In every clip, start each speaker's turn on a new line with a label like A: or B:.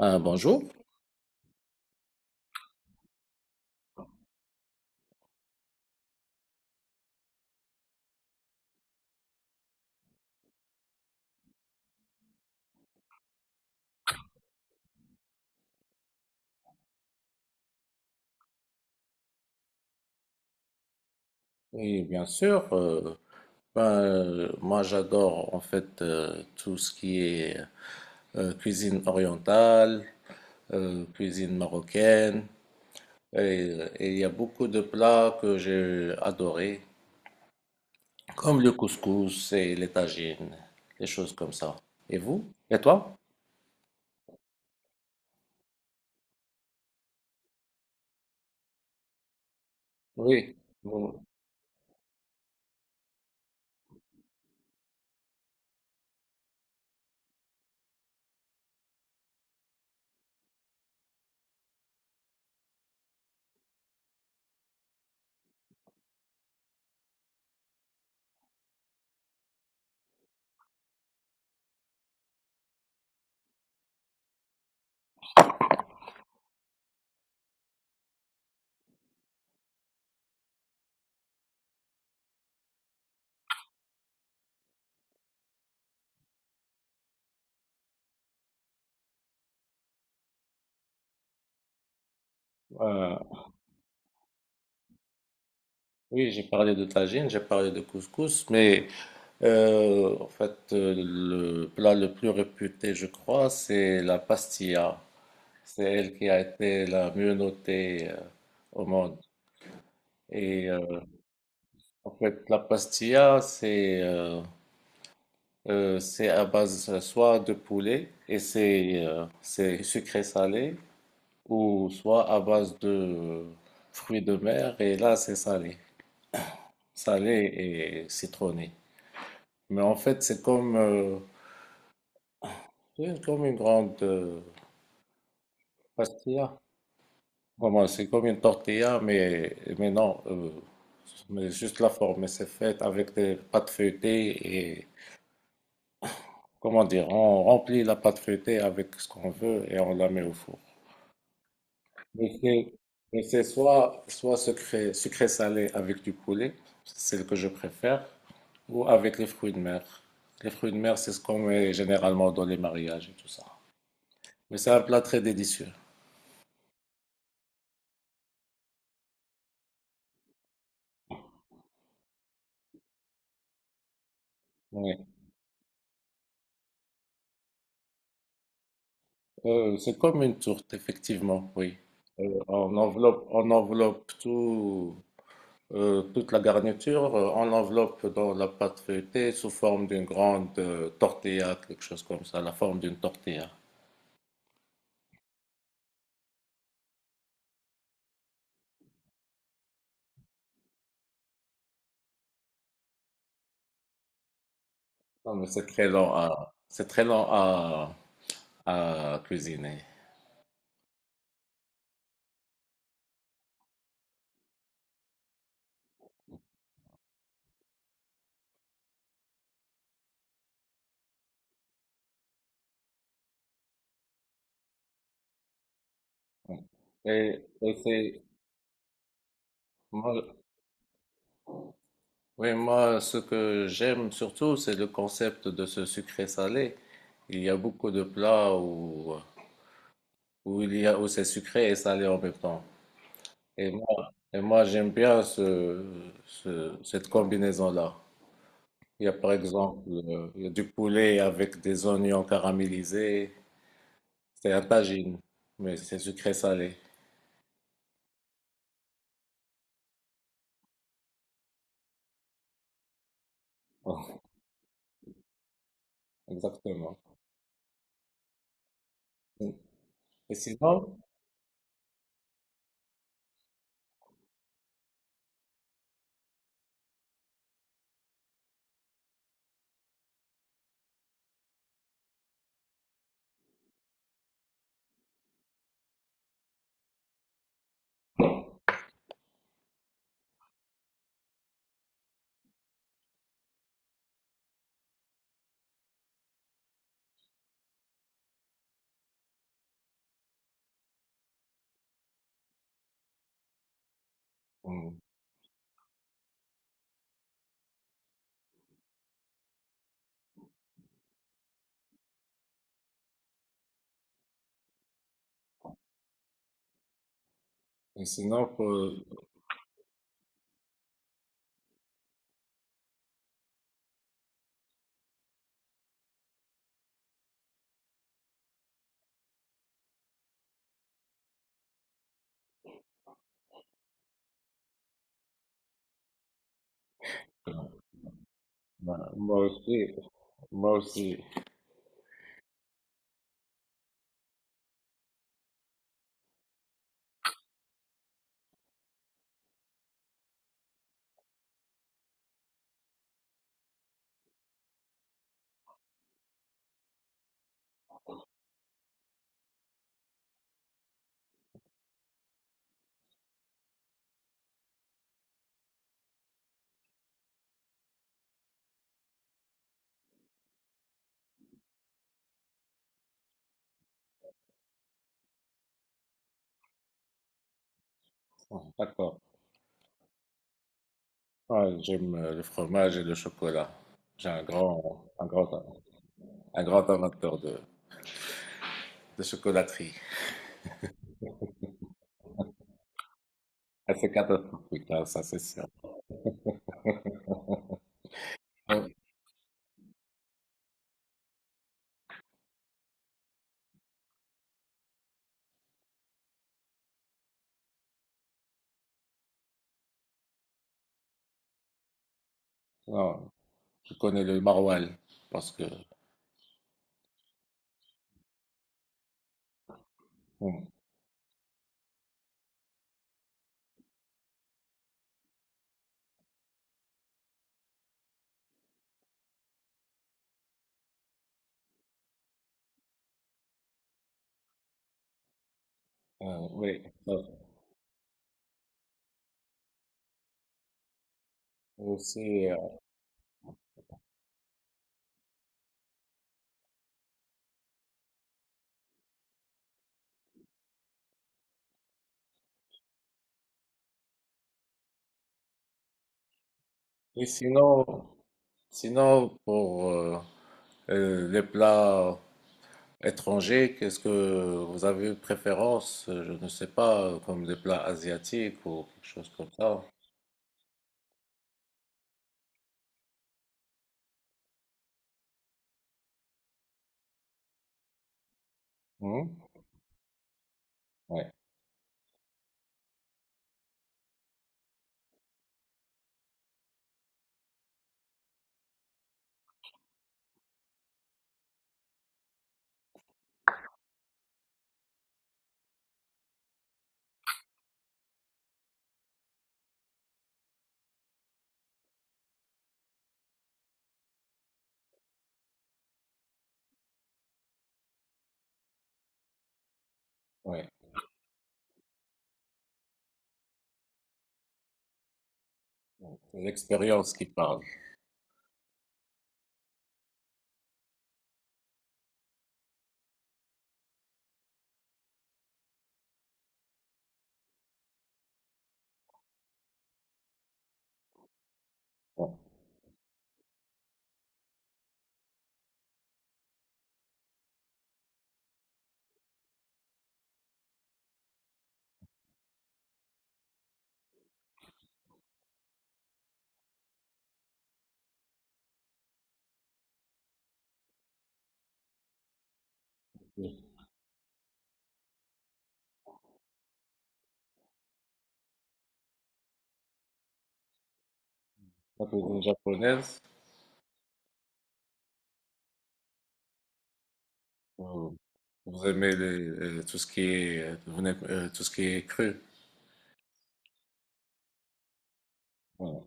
A: Bonjour, oui, bien sûr. Moi, j'adore en fait tout ce qui est cuisine orientale, cuisine marocaine, et il y a beaucoup de plats que j'ai adorés, comme le couscous et les tagines, des choses comme ça. Et vous? Et toi? Oui, bon, euh, oui, j'ai parlé de tagine, j'ai parlé de couscous, mais le plat le plus réputé, je crois, c'est la pastilla. C'est elle qui a été la mieux notée au monde. Et euh, en fait, la pastilla, c'est c'est à base soit de poulet et c'est sucré salé, ou soit à base de fruits de mer et là c'est salé, salé et citronné. Mais en fait, c'est comme une grande pastilla. Vraiment, c'est comme une tortilla, mais non, mais juste la forme. C'est fait avec des pâtes feuilletées et, comment dire, on remplit la pâte feuilletée avec ce qu'on veut et on la met au four. Mais c'est mais c'est soit sucré, sucré salé avec du poulet, c'est le que je préfère, ou avec les fruits de mer. Les fruits de mer, c'est ce qu'on met généralement dans les mariages et tout ça. Mais c'est un plat très délicieux. Oui. C'est comme une tourte, effectivement, oui. On enveloppe tout, toute la garniture, on l'enveloppe dans la pâte feuilletée sous forme d'une grande tortilla, quelque chose comme ça, la forme d'une tortilla. Non, mais c'est très lent à cuisiner. Et, et c'est, moi, oui, moi, ce que j'aime surtout, c'est le concept de ce sucré-salé. Il y a beaucoup de plats où, où il y a, où c'est sucré et salé en même temps. Et moi j'aime bien cette combinaison-là. Il y a par exemple il y a du poulet avec des oignons caramélisés. C'est un tagine, mais c'est sucré salé. Exactement. Et sinon, mm, et sinon pour- bah, moi aussi, moi aussi. Bon, d'accord. Ah, j'aime le fromage et le chocolat. J'ai un grand, un grand, Un grand amateur de chocolaterie. Ah, c'est catastrophique, hein, ça c'est sûr. Ouais. Non, je connais le maroilles parce que mm. Oui. euh, aussi, et sinon, sinon pour Les plats étrangers, qu'est-ce que vous avez une préférence? Je ne sais pas, comme des plats asiatiques ou quelque chose comme ça. Oui. Ouais, ouais. C'est l'expérience qui parle. Ouais. La cuisine japonaise, euh, vous aimez les, tout ce qui est, tout ce qui est cru. Ouais.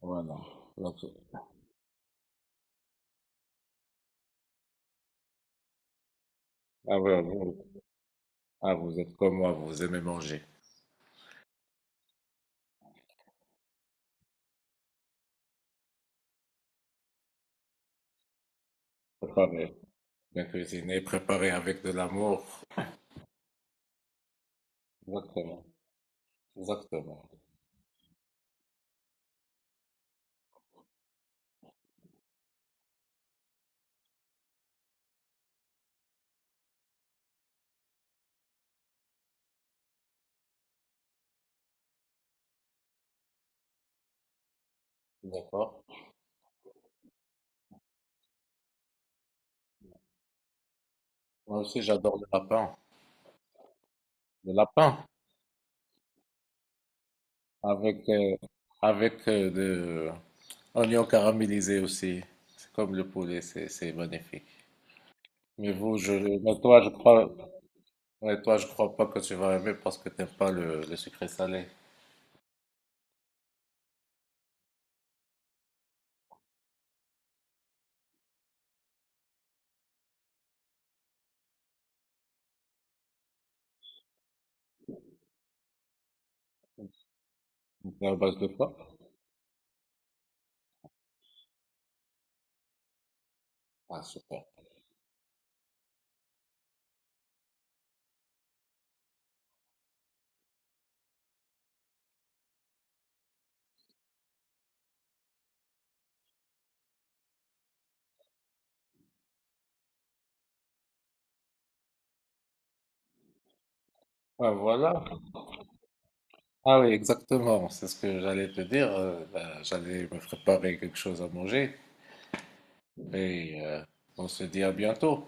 A: Voilà. Donc, ah ouais, ouais. Ah, vous êtes comme moi, vous aimez manger, préparer, bien cuisiner, préparer avec de l'amour. Exactement, exactement. D'accord. Moi aussi, j'adore le lapin. Le lapin avec euh, avec de oignons caramélisés aussi. C'est comme le poulet, c'est magnifique. Mais vous, je, mais toi, je crois, Mais toi, je crois pas que tu vas aimer parce que t'aimes pas le sucré salé. C'est à base de quoi? Ah, super. Ah, voilà. Ah oui, exactement. C'est ce que j'allais te dire. Bah, j'allais me préparer quelque chose à manger et on se dit à bientôt.